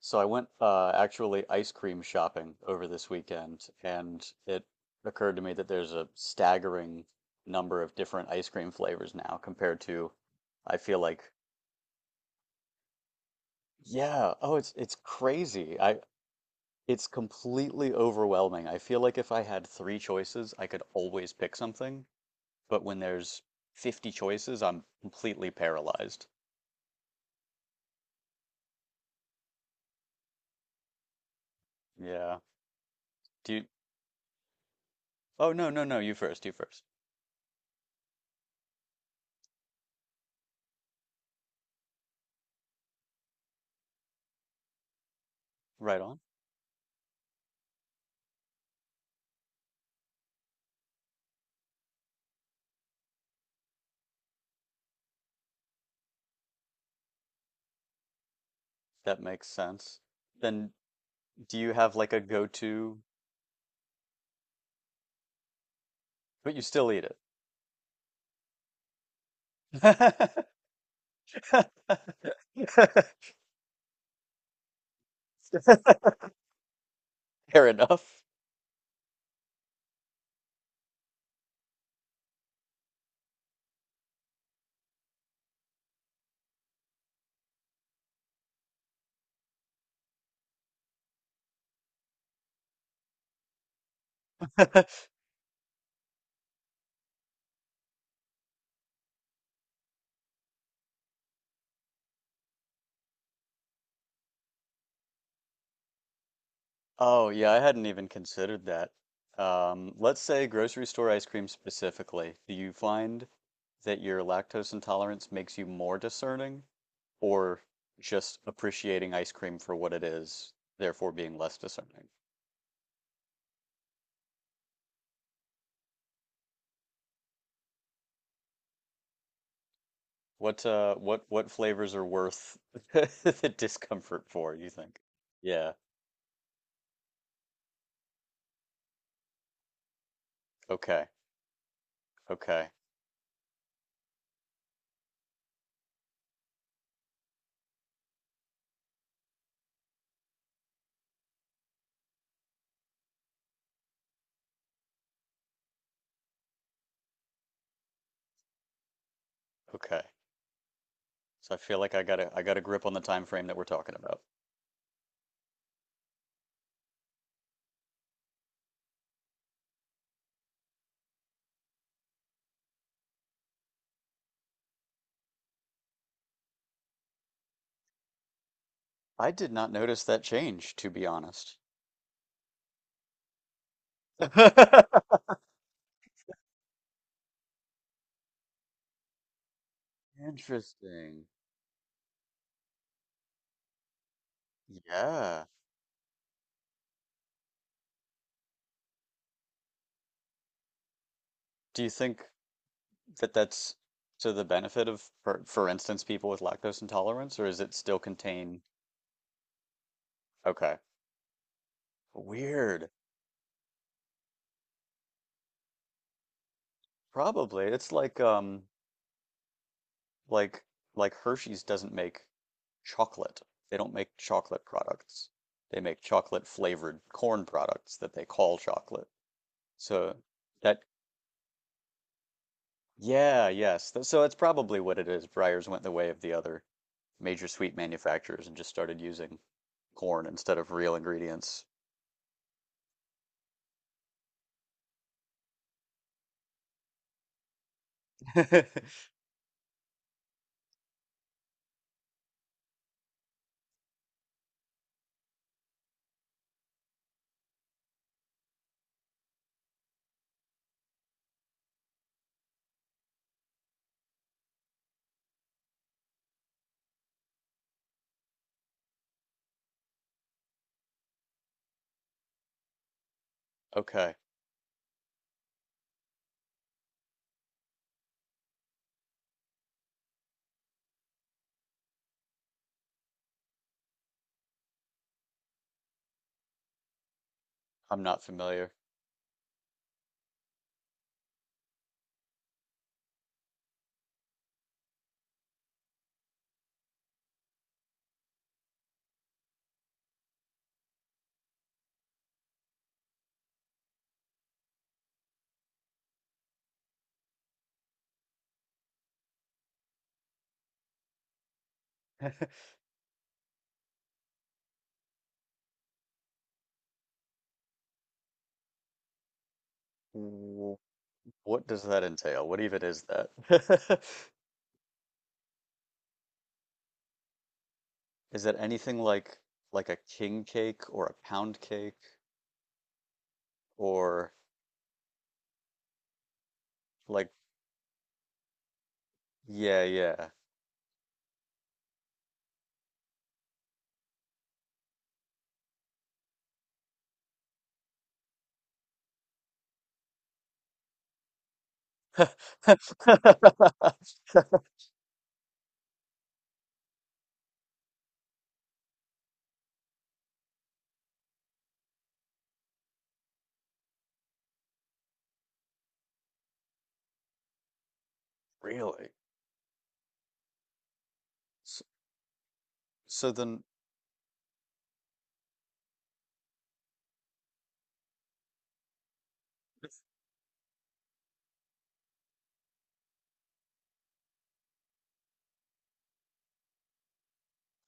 So I went actually ice cream shopping over this weekend, and it occurred to me that there's a staggering number of different ice cream flavors now compared to, I feel like, yeah, oh, it's crazy. I It's completely overwhelming. I feel like if I had three choices, I could always pick something, but when there's 50 choices, I'm completely paralyzed. Yeah. Do you? Oh, no, no, no, you first, you first. Right on. That makes sense. Then do you have like a go-to, but you still eat it? Fair enough. Oh, yeah, I hadn't even considered that. Let's say grocery store ice cream specifically. Do you find that your lactose intolerance makes you more discerning or just appreciating ice cream for what it is, therefore being less discerning? What what flavors are worth the discomfort for, you think? Yeah. Okay. Okay. Okay. So I feel like I got a grip on the time frame that we're talking about. I did not notice that change, to be honest. Interesting. Yeah. Do you think that that's to the benefit of, for instance, people with lactose intolerance, or is it still contain? Okay. Weird. Probably. It's like like like Hershey's doesn't make chocolate. They don't make chocolate products. They make chocolate flavored corn products that they call chocolate. So that, yeah, yes. So that's probably what it is. Breyers went the way of the other major sweet manufacturers and just started using corn instead of real ingredients. Okay, I'm not familiar. W- What does that entail? What even is that? Is that anything like a king cake or a pound cake or like yeah, yeah. Really? S- So then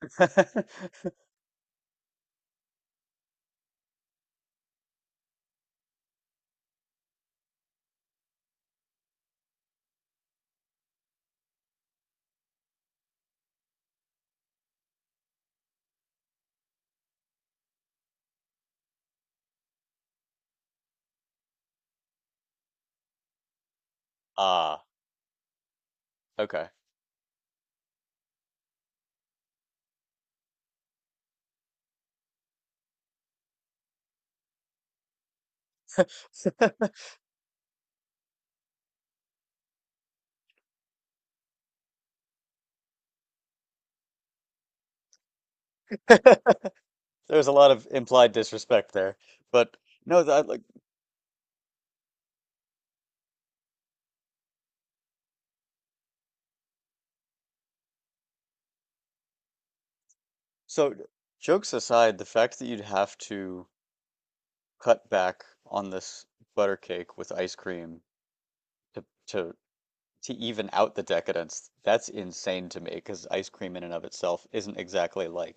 Ah, okay. There was a lot of implied disrespect there. But no, that like so jokes aside, the fact that you'd have to cut back on this butter cake with ice cream to to to even out the decadence, that's insane to me because ice cream in and of itself isn't exactly like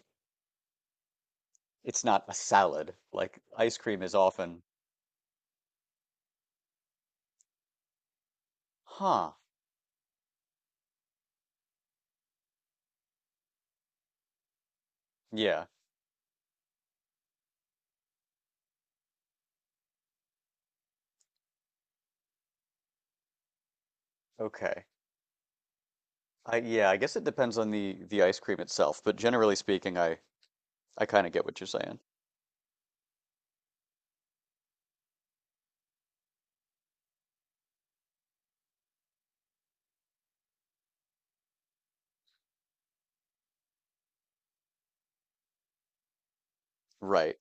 it's not a salad. Like ice cream is often, huh, yeah, okay. I yeah, I guess it depends on the ice cream itself, but generally speaking, I kind of get what you're saying. Right.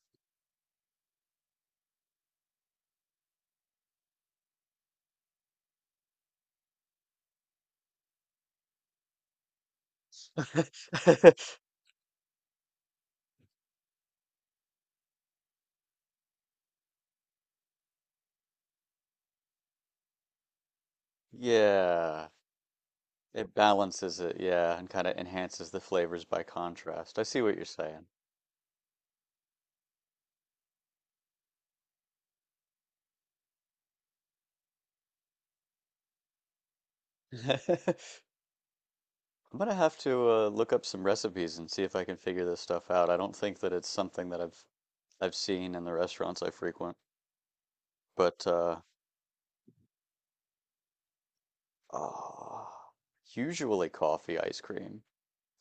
Yeah, it balances it, yeah, and kind of enhances the flavors by contrast. I see what you're saying. I'm gonna have to look up some recipes and see if I can figure this stuff out. I don't think that it's something that I've seen in the restaurants I frequent, but ah, usually coffee ice cream.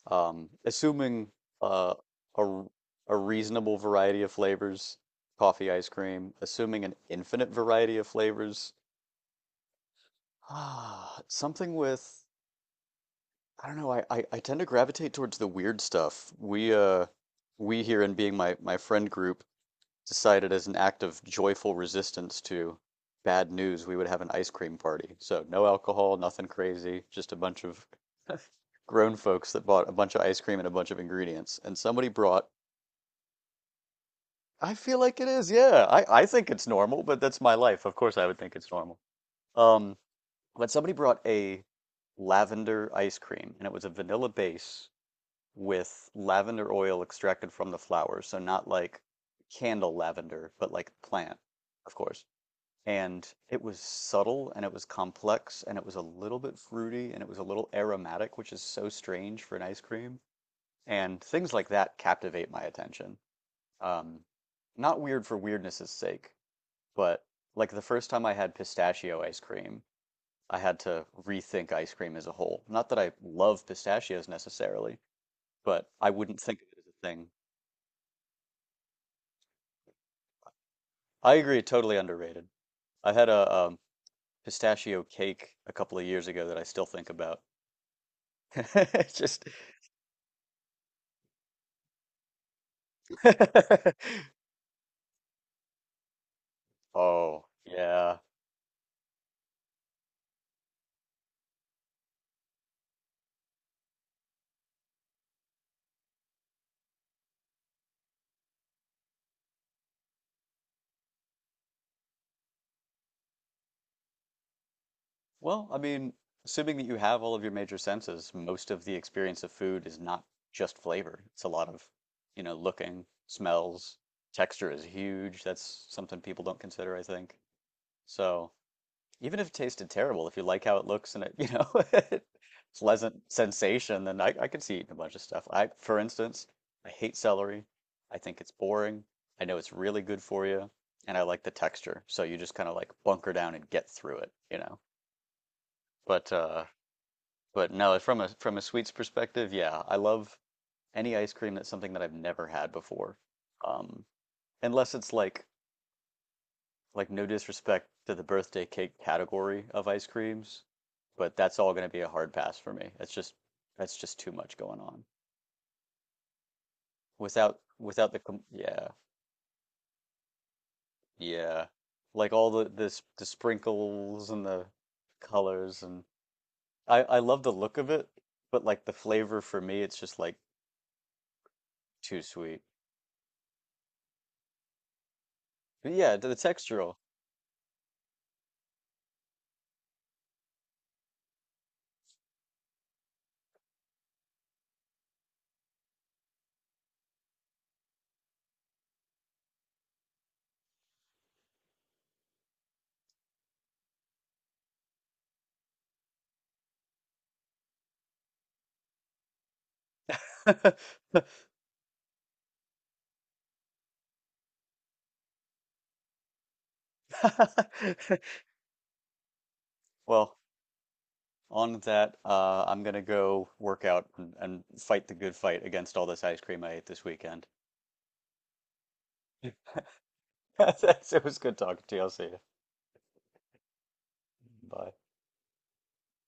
Assuming uh, a r- a reasonable variety of flavors, coffee ice cream. Assuming an infinite variety of flavors. Ah, something with I don't know, I tend to gravitate towards the weird stuff. We we here in being my friend group decided as an act of joyful resistance to bad news we would have an ice cream party. So no alcohol, nothing crazy, just a bunch of grown folks that bought a bunch of ice cream and a bunch of ingredients. And somebody brought I feel like it is, yeah. I think it's normal, but that's my life. Of course I would think it's normal. Um, when somebody brought a lavender ice cream, and it was a vanilla base with lavender oil extracted from the flowers. So not like candle lavender, but like plant, of course. And it was subtle and it was complex and it was a little bit fruity and it was a little aromatic, which is so strange for an ice cream. And things like that captivate my attention. Um, not weird for weirdness' sake, but like the first time I had pistachio ice cream, I had to rethink ice cream as a whole. Not that I love pistachios necessarily, but I wouldn't think of it as a thing. I agree, totally underrated. I had a pistachio cake a couple of years ago that I still think about. It's just oh, yeah. Well, I mean, assuming that you have all of your major senses, most of the experience of food is not just flavor. It's a lot of, you know, looking, smells, texture is huge. That's something people don't consider, I think. So, even if it tasted terrible, if you like how it looks and it, you know, pleasant sensation, then I could see eating a bunch of stuff. I, for instance, I hate celery. I think it's boring. I know it's really good for you, and I like the texture. So you just kind of like bunker down and get through it, you know. But uh, but no, from a sweets perspective, yeah, I love any ice cream that's something that I've never had before. Um, unless it's like no disrespect to the birthday cake category of ice creams, but that's all going to be a hard pass for me. That's just too much going on. Without the com yeah, yeah. Like all the, the sprinkles and the colors and I love the look of it, but like the flavor for me it's just like too sweet. But yeah, the textural. Well, on that, I'm gonna go work out and fight the good fight against all this ice cream I ate this weekend. It was good talking to you. I'll see you. Bye.